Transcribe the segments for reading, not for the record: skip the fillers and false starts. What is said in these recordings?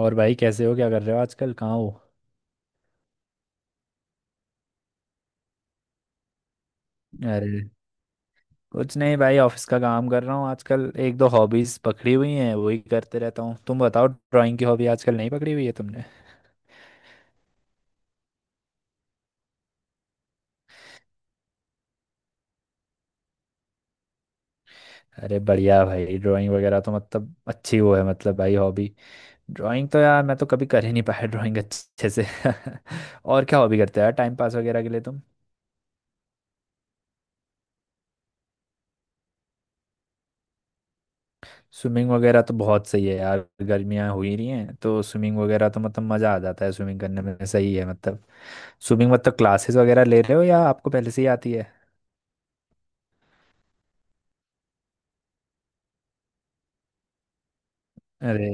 और भाई, कैसे हो? क्या कर रहे हो आजकल? कहाँ हो? अरे, कुछ नहीं भाई। ऑफिस का काम कर रहा हूँ आजकल। एक दो हॉबीज पकड़ी हुई हैं, वही करते रहता हूँ। तुम बताओ, ड्राइंग की हॉबी आजकल नहीं पकड़ी हुई है तुमने? अरे बढ़िया भाई, ड्राइंग वगैरह तो मतलब अच्छी वो है मतलब, भाई, हॉबी। ड्राइंग तो यार मैं तो कभी कर ही नहीं पाया ड्राइंग अच्छे से। और क्या हॉबी करते हो यार टाइम पास वगैरह के लिए तुम? स्विमिंग वगैरह तो बहुत सही है यार। गर्मियाँ हो ही रही हैं तो स्विमिंग वगैरह तो मतलब मज़ा आ जाता है स्विमिंग करने में। सही है मतलब। स्विमिंग मतलब क्लासेस वगैरह ले रहे हो या आपको पहले से ही आती है? अरे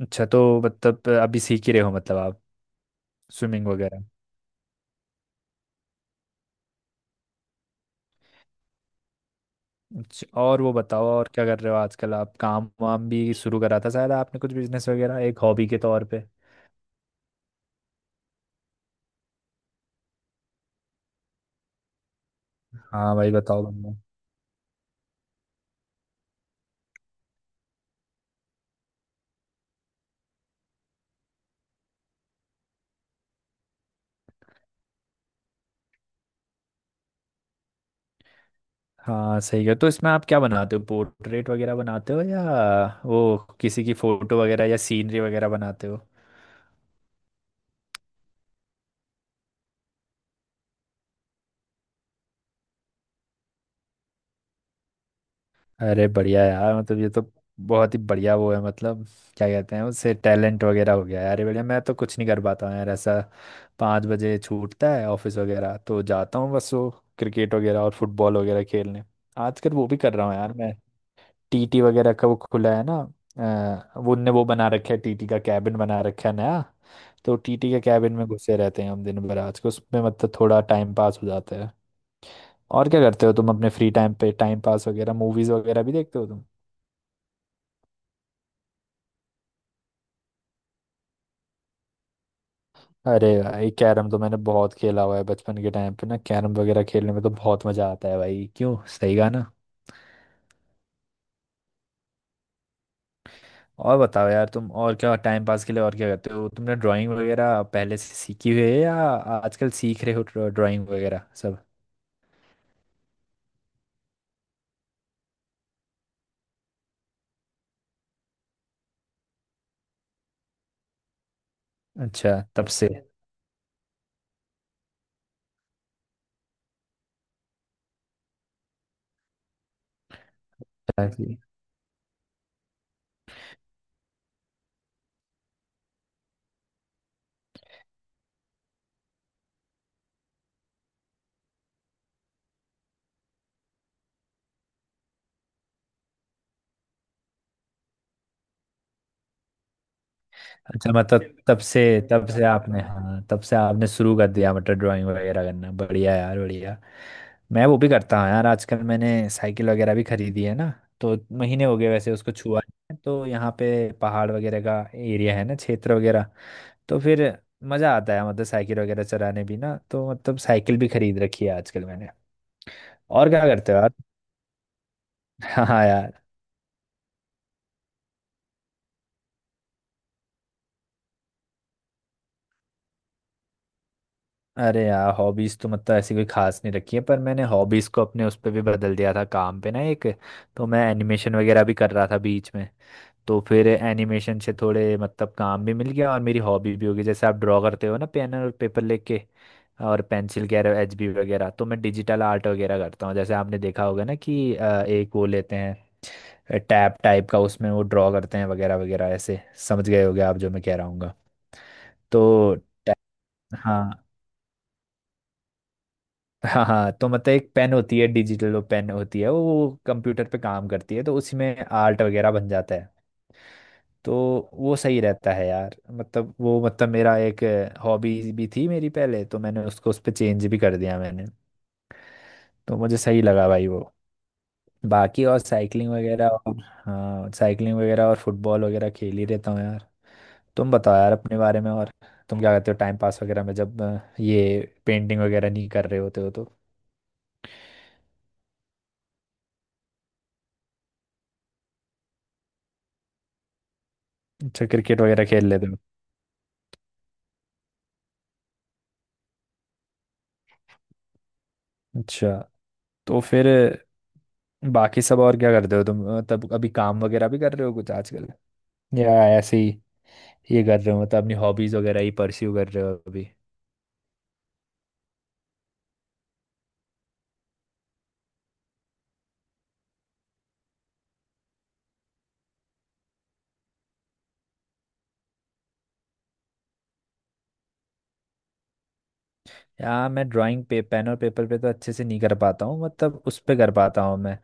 अच्छा, तो मतलब अभी सीख ही रहे हो मतलब आप स्विमिंग वगैरह। अच्छा और वो बताओ, और क्या कर रहे हो आजकल आप? काम वाम भी शुरू करा था शायद आपने, कुछ बिजनेस वगैरह एक हॉबी के तौर पे? हाँ भाई बताओ बंदा। हाँ सही है। तो इसमें आप क्या बनाते हो? पोर्ट्रेट वगैरह बनाते हो या वो किसी की फोटो वगैरह या सीनरी वगैरह बनाते हो? अरे बढ़िया यार, मतलब ये तो बहुत ही बढ़िया वो है मतलब, क्या कहते हैं उससे, टैलेंट वगैरह हो गया यार। ये बढ़िया। मैं तो कुछ नहीं कर पाता हूँ यार ऐसा। 5 बजे छूटता है ऑफिस वगैरह, तो जाता हूँ बस वो क्रिकेट वगैरह और फुटबॉल वगैरह खेलने। आजकल वो भी कर रहा हूँ यार मैं। टीटी वगैरह का वो खुला है ना। वो उनने वो बना रखा है, टीटी का कैबिन बना रखा है नया। तो टीटी के कैबिन में घुसे रहते हैं हम दिन भर आज को, उसमें मतलब थोड़ा टाइम पास हो जाता है। और क्या करते हो तुम अपने फ्री टाइम पे टाइम पास वगैरह? मूवीज वगैरह भी देखते हो तुम? अरे भाई कैरम तो मैंने बहुत खेला हुआ है बचपन के टाइम पे ना। कैरम वगैरह खेलने में तो बहुत मजा आता है भाई, क्यों, सही कहा ना? और बताओ यार तुम, और क्या टाइम पास के लिए, और क्या करते हो? तुमने ड्राइंग वगैरह पहले से सीखी हुई है या आजकल सीख रहे हो ड्राइंग वगैरह सब? अच्छा तब से। अच्छा जी। अच्छा मतलब। तब से तब से आपने, हाँ, तब से आपने शुरू कर दिया मतलब ड्राइंग वगैरह करना। बढ़िया यार, बढ़िया। मैं वो भी करता हूँ यार, आजकल मैंने साइकिल वगैरह भी खरीदी है ना। तो महीने हो गए वैसे उसको छुआ नहीं है। तो यहाँ पे पहाड़ वगैरह का एरिया है ना, क्षेत्र वगैरह। तो फिर मज़ा आता है मतलब साइकिल वगैरह चलाने भी ना, तो मतलब साइकिल भी खरीद रखी है आजकल मैंने। और क्या करते हो यार? हाँ यार। अरे यार हॉबीज तो मतलब ऐसी कोई खास नहीं रखी है, पर मैंने हॉबीज को अपने उस पर भी बदल दिया था काम पे ना एक। तो मैं एनिमेशन वगैरह भी कर रहा था बीच में। तो फिर एनिमेशन से थोड़े मतलब काम भी मिल गया और मेरी हॉबी भी हो गई। जैसे आप ड्रॉ करते हो ना पेन और पेपर लेके और पेंसिल वगैरह एचबी वगैरह, तो मैं डिजिटल आर्ट वगैरह करता हूँ। जैसे आपने देखा होगा ना कि एक वो लेते हैं टैब टाइप का, उसमें वो ड्रॉ करते हैं वगैरह वगैरह ऐसे। समझ गए होगे आप जो मैं कह रहा हूँ। तो हाँ हाँ हाँ। तो मतलब एक पेन होती है डिजिटल, वो पेन होती है वो कंप्यूटर पे काम करती है, तो उसी में आर्ट वगैरह बन जाता है। तो वो सही रहता है यार, मतलब वो मतलब मेरा एक हॉबी भी थी मेरी पहले, तो मैंने उसको उस पर चेंज भी कर दिया मैंने। तो मुझे सही लगा भाई वो। बाकी और साइकिलिंग वगैरह और, हाँ साइकिलिंग वगैरह और फुटबॉल वगैरह खेल ही रहता हूँ यार। तुम बताओ यार अपने बारे में और, तुम क्या करते हो टाइम पास वगैरह में जब ये पेंटिंग वगैरह नहीं कर रहे होते हो तो? अच्छा क्रिकेट वगैरह खेल लेते हो? अच्छा। तो फिर बाकी सब और क्या करते हो तुम? तब अभी काम वगैरह भी कर रहे हो कुछ आजकल, या ऐसे ही ये कर रहे हो मतलब अपनी हॉबीज वगैरह ही परस्यू कर रहे हो अभी? या मैं ड्राइंग पे पेन और पेपर पे तो अच्छे से नहीं कर पाता हूँ, मतलब उस पे कर पाता हूँ मैं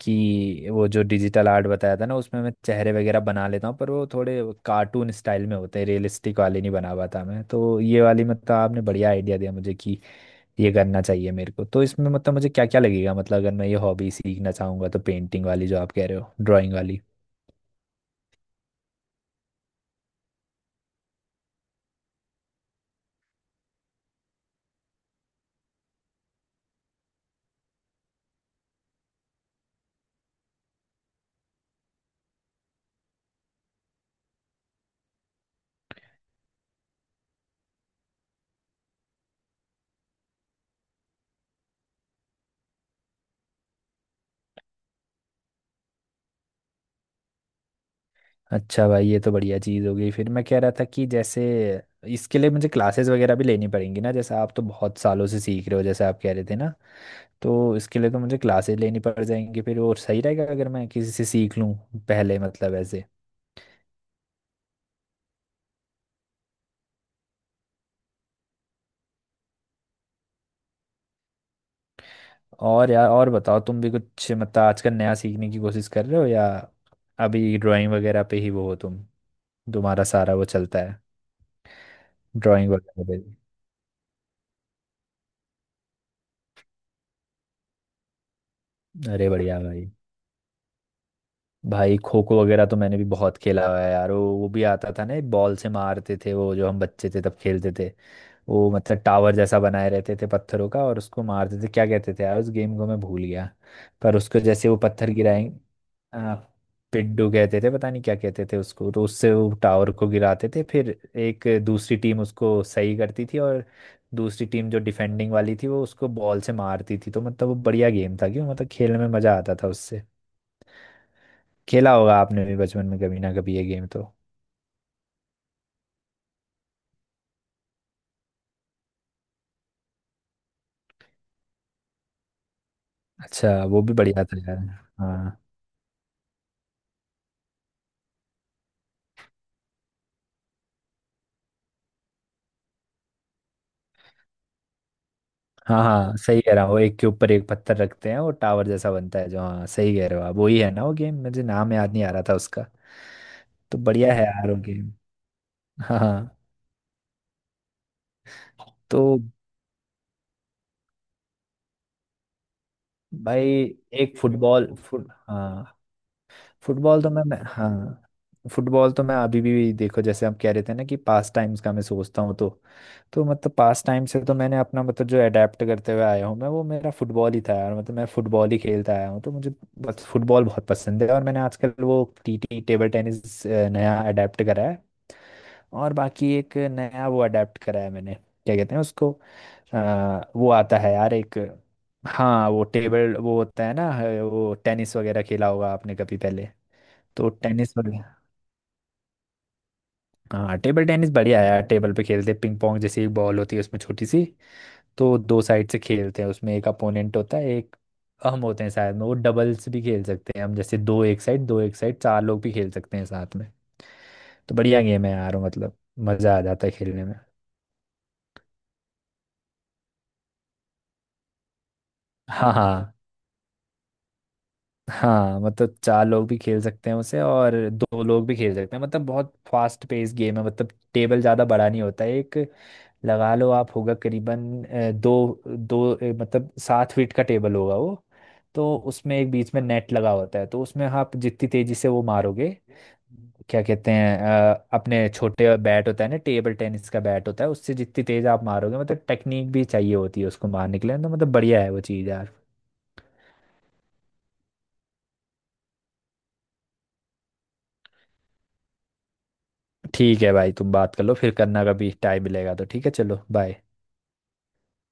कि वो जो डिजिटल आर्ट बताया था ना उसमें मैं चेहरे वगैरह बना लेता हूँ, पर वो थोड़े कार्टून स्टाइल में होते हैं, रियलिस्टिक वाले नहीं बना पाता मैं। तो ये वाली मतलब आपने बढ़िया आइडिया दिया मुझे कि ये करना चाहिए मेरे को। तो इसमें मतलब मुझे क्या क्या लगेगा मतलब, अगर मैं ये हॉबी सीखना चाहूंगा तो पेंटिंग वाली जो आप कह रहे हो, ड्राइंग वाली। अच्छा भाई, ये तो बढ़िया चीज़ हो गई। फिर मैं कह रहा था कि जैसे इसके लिए मुझे क्लासेस वगैरह भी लेनी पड़ेंगी ना, जैसे आप तो बहुत सालों से सीख रहे हो जैसे आप कह रहे थे ना। तो इसके लिए तो मुझे क्लासेस लेनी पड़ जाएंगी फिर, और सही रहेगा अगर मैं किसी से सीख लूँ पहले मतलब ऐसे। और यार और बताओ, तुम भी कुछ मतलब आजकल नया सीखने की कोशिश कर रहे हो, या अभी ड्राइंग वगैरह पे ही वो हो तुम, तुम्हारा सारा वो चलता है ड्राइंग वगैरह भी? अरे बढ़िया भाई भाई खो खो वगैरह तो मैंने भी बहुत खेला हुआ है यार। वो भी आता था ना, एक बॉल से मारते थे वो, जो हम बच्चे थे तब खेलते थे वो, मतलब टावर जैसा बनाए रहते थे पत्थरों का और उसको मारते थे, क्या कहते थे यार उस गेम को, मैं भूल गया। पर उसको जैसे वो पत्थर गिराएंगे। आ, पिड्डू कहते थे, पता नहीं क्या कहते थे उसको, तो उससे वो टावर को गिराते थे। फिर एक दूसरी टीम उसको सही करती थी और दूसरी टीम जो डिफेंडिंग वाली थी वो उसको बॉल से मारती थी। तो मतलब वो बढ़िया गेम था, क्यों, मतलब खेलने में मजा आता था उससे। खेला होगा आपने भी बचपन में कभी ना कभी ये गेम तो। अच्छा वो भी बढ़िया था यार। हाँ हाँ हाँ, सही कह रहा हूँ। वो एक के ऊपर एक पत्थर रखते हैं, वो टावर जैसा बनता है जो, हाँ सही कह रहे हो आप, वही है ना वो गेम। मुझे नाम याद नहीं आ रहा था उसका। तो बढ़िया है यार वो गेम। हाँ हाँ। तो भाई, एक फुटबॉल फुट हाँ। फुटबॉल तो मैं, हाँ, फुटबॉल तो मैं अभी भी देखो जैसे आप कह रहे थे ना कि पास टाइम्स का मैं सोचता हूँ तो मतलब पास टाइम से तो मैंने अपना मतलब जो अडेप्ट करते हुए आया हूँ मैं वो मेरा फुटबॉल ही था यार, मतलब मैं फुटबॉल ही खेलता आया हूँ, तो मुझे बस फुटबॉल बहुत पसंद है। और मैंने आजकल वो टीटी, टेबल टेनिस, नया अडेप्ट करा है। और बाकी एक नया वो अडेप्ट करा है मैंने, क्या कहते हैं उसको, वो आता है यार एक, हाँ वो टेबल वो होता है ना, वो टेनिस वगैरह खेला होगा आपने कभी पहले। तो टेनिस वगैरह, हाँ टेबल टेनिस बढ़िया है यार। टेबल पे खेलते हैं, पिंग पोंग जैसी एक बॉल होती है उसमें छोटी सी। तो दो साइड से खेलते हैं, उसमें एक अपोनेंट होता है, एक हम होते हैं साथ में। वो डबल्स भी खेल सकते हैं हम जैसे, दो एक साइड, दो एक साइड, चार लोग भी खेल सकते हैं साथ में। तो बढ़िया गेम है यार, मतलब मज़ा आ जाता है खेलने में। हाँ हाँ हाँ, मतलब चार लोग भी खेल सकते हैं उसे और दो लोग भी खेल सकते हैं। मतलब बहुत फास्ट पेस गेम है मतलब। टेबल ज़्यादा बड़ा नहीं होता है, एक लगा लो आप होगा करीबन दो दो मतलब 7 फीट का टेबल होगा वो। तो उसमें एक बीच में नेट लगा होता है, तो उसमें आप जितनी तेजी से वो मारोगे, क्या कहते हैं, अपने छोटे बैट होता है ना, टेबल टेनिस का बैट होता है, उससे जितनी तेज आप मारोगे मतलब, टेक्निक भी चाहिए होती है उसको मारने के लिए, तो मतलब बढ़िया है वो चीज़ यार। ठीक है भाई, तुम बात कर लो, फिर करना कभी टाइम मिलेगा तो। ठीक है, चलो बाय।